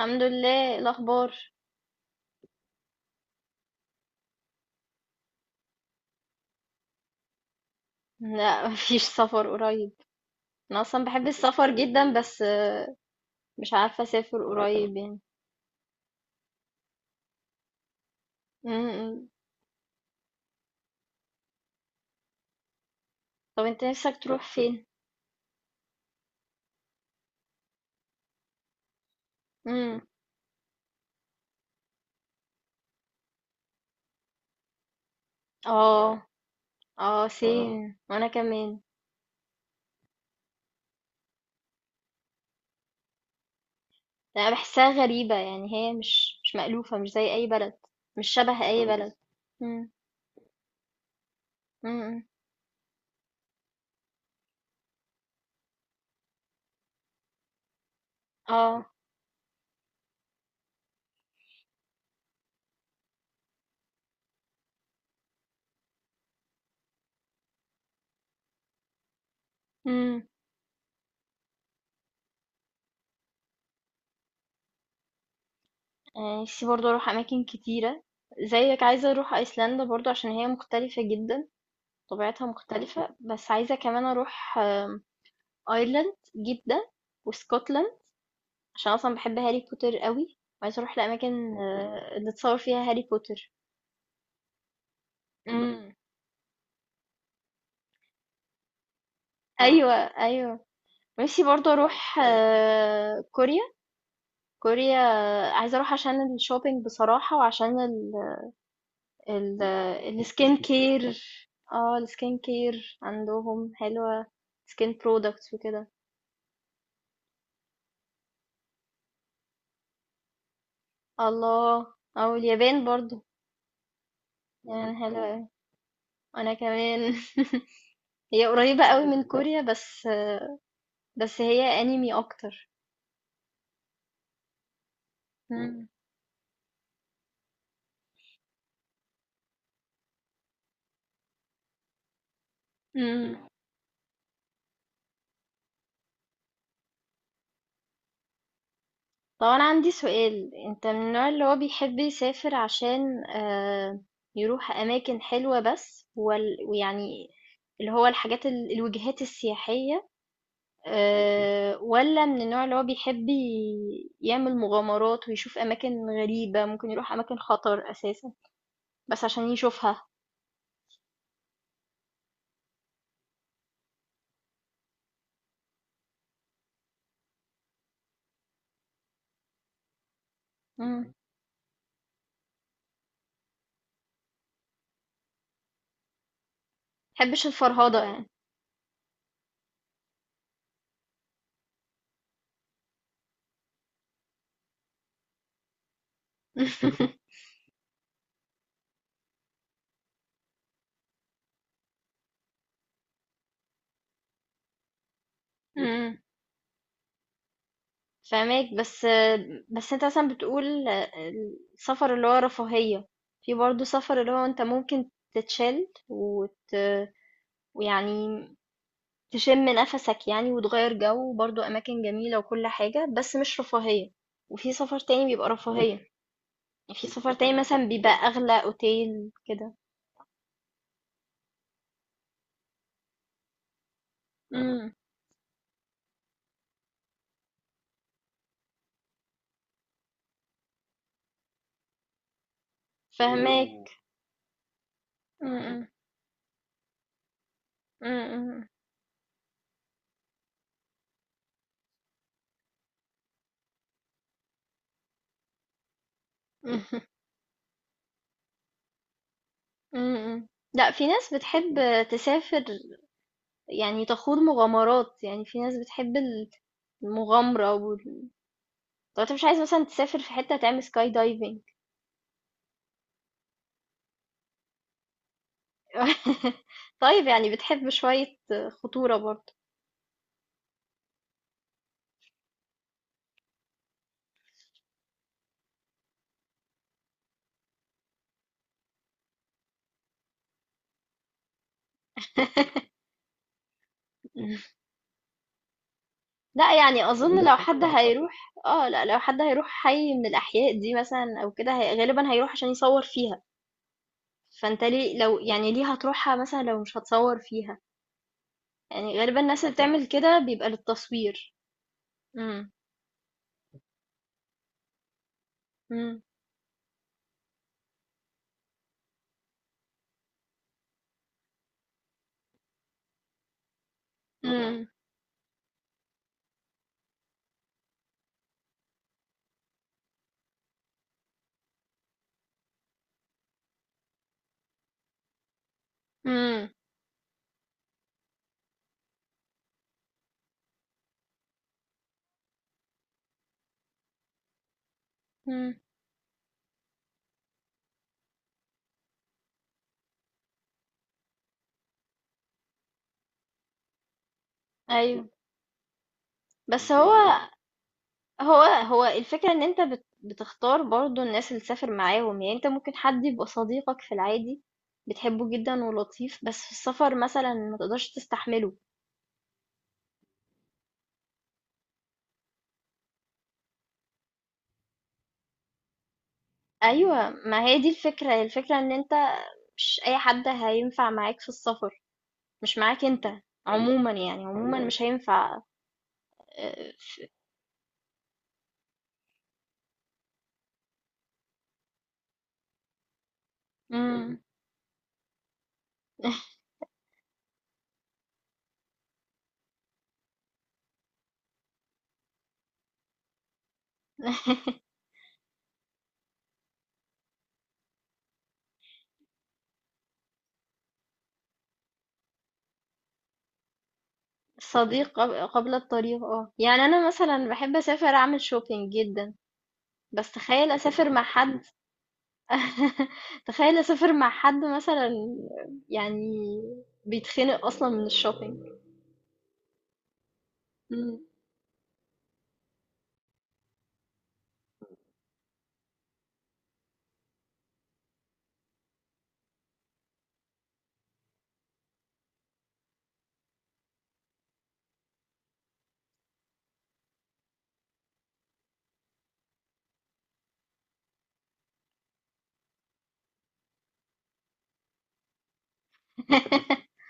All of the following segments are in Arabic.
الحمد لله، إيه الأخبار؟ لا، مفيش سفر قريب. أنا أصلا بحب السفر جدا، بس مش عارفة أسافر قريب، يعني. إمم. طب أنت نفسك تروح فين؟ امم. اه. اه، سين وأنا كمان. أنا بحسها غريبة، يعني هي مش مألوفة، مش زي أي بلد، مش شبه أي بلد. امم. إمم. اه. امم. نفسي برضه أروح أماكن كتيرة، زيك عايزة أروح أيسلندا برضو عشان هي مختلفة جدا، طبيعتها مختلفة، بس عايزة كمان أروح أيرلند جدة، واسكتلند، عشان أصلًا باحب هاري بوتر أوي، وعايزة أروح لأماكن اللي اتصور فيها هاري بوتر. إمم، آه. أيوه، أيوه. نفسي برضه أروح كوريا، كوريا، عايزة أروح عشان الshopping بصراحة، وعشان ال ال الskin care. الskin care عندهم حلوة، skin products وكده. الله! واليابان برضه، اليابان برضو يعني حلوة أوي. وأنا كمان. هي قريبة أوي من كوريا، بس هي أنمي أكتر. مم. امم. طب أنا عندي سؤال، أنت من النوع اللي هو بيحب يسافر عشان يروح أماكن حلوة بس، ويعني اللي هو الحاجات الوجهات السياحية، ولا من النوع اللي هو بيحب يعمل مغامرات ويشوف أماكن غريبة، ممكن يروح أماكن خطر أساسا، بس عشان يشوفها؟ مم. محبش الفرهدة يعني. مم. فاهماك، بس انت مثلا بتقول السفر اللي هو رفاهية، في برضه سفر اللي هو انت ممكن تتشل ويعني تشم نفسك يعني، وتغير جو، وبرضه اماكن جميلة وكل حاجة، بس مش رفاهية، وفي سفر تاني بيبقى رفاهية يعني، في سفر تاني مثلا بيبقى اغلى اوتيل كده. امم. فاهماك. امم. امم، امم. امم. لا، في ناس بتحب تسافر، يعني تخوض مغامرات، يعني في ناس بتحب المغامرة طب انت مش عايز مثلا تسافر في حتة تعمل سكاي دايفنج؟ طيب، يعني بتحب شوية خطورة برضه؟ لا، يعني اظن لو بحب حد الخطر هيروح لا، لو حد هيروح حي من الاحياء دي مثلا او كده، غالبا هيروح عشان يصور فيها، فانت ليه، لو يعني ليه هتروحها مثلا لو مش هتصور فيها؟ يعني غالبا الناس اللي مثلا بتعمل كده بيبقى للتصوير. امم، امم، امم، امم. ايوه، بس هو الفكرة ان انت بتختار برضو الناس اللي تسافر معاهم، يعني انت ممكن حد يبقى صديقك في العادي، بتحبه جدا ولطيف، بس في السفر مثلا ما تقدرش تستحمله. ايوه، ما هي دي الفكرة ان انت مش اي حد هينفع معاك في السفر، مش معاك انت، عموما يعني عموما مش هينفع. آه، في- مم. صديق قبل الطريق، يعني انا مثلا بحب اسافر اعمل شوبينج جدا، بس تخيل اسافر مع حد. تخيل اسافر مع حد مثلا، يعني بيتخنق اصلا من الشوبينج. مم.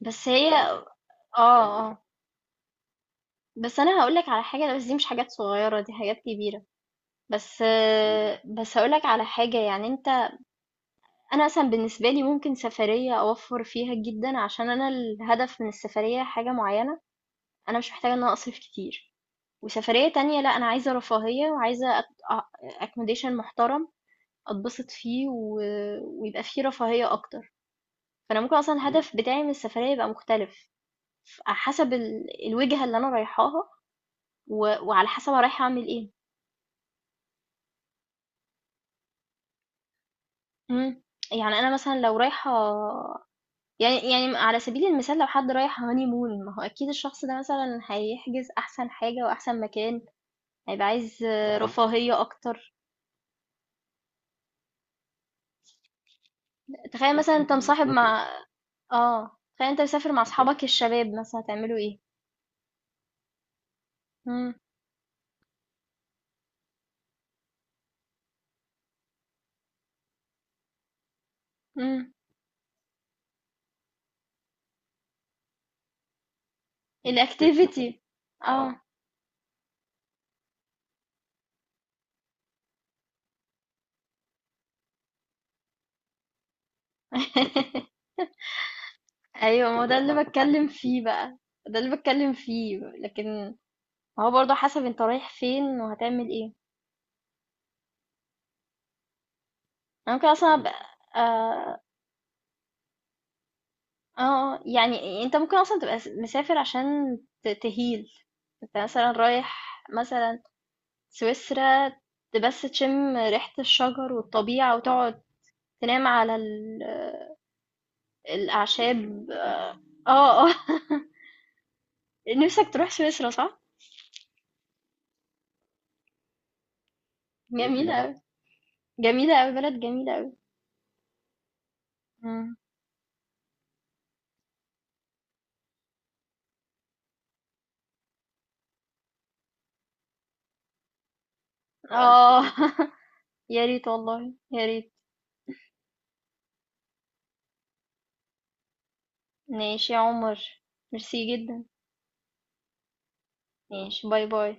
بس هي، اه، اه. بس انا هقولك على حاجه، بس دي مش حاجات صغيره، دي حاجات كبيره، بس هقولك على حاجه، يعني انت، انا مثلا بالنسبه لي ممكن سفريه اوفر فيها جدا عشان انا الهدف من السفريه حاجه معينه، انا مش محتاجه ان انا اصرف كتير. وسفريه تانية، لا، انا عايزه رفاهيه وعايزه اكوموديشن محترم أتبسط فيه ويبقى فيه رفاهية أكتر، فأنا ممكن أصلا الهدف بتاعي من السفرية يبقى مختلف، حسب الوجهة اللي أنا رايحاها، و... وعلى حسب أنا رايحة أعمل إيه. مم. يعني أنا مثلا لو رايحة، يعني على سبيل المثال، لو حد رايح هاني مون، ما هو أكيد الشخص ده مثلا هيحجز أحسن حاجة وأحسن مكان، هيبقى عايز رفاهية أكتر. تخيل مثلا أنت ممكن مصاحب مع، تخيل أنت مسافر مع أصحابك الشباب، مثلا هتعملوا إيه؟ مم. مم. الactivity. آه. أيوه، ما هو ده اللي باتكلّم فيه بقى، ده اللي باتكلّم فيه، لكن هو برضه حسب أنت رايح فين وهتعمل إيه. أنا ممكن أصلًا أبقى. آه، يعني أنت ممكن أصلًا تبقى مسافر عشان تheal. أنت مثلًا رايح، مثلًا سويسرا، بس تشم ريحة الشجر والطبيعة، وتقعد تنام على الأعشاب. آه، آه، نِفْسك تروح سويسرا صح؟ جميلة، جميلة أوي، بلد جميلة أوي. مم. اه. يا ريت والله، يا ريت. ماشي يا عمر، ميرسي جدا. ماشي، باي باي.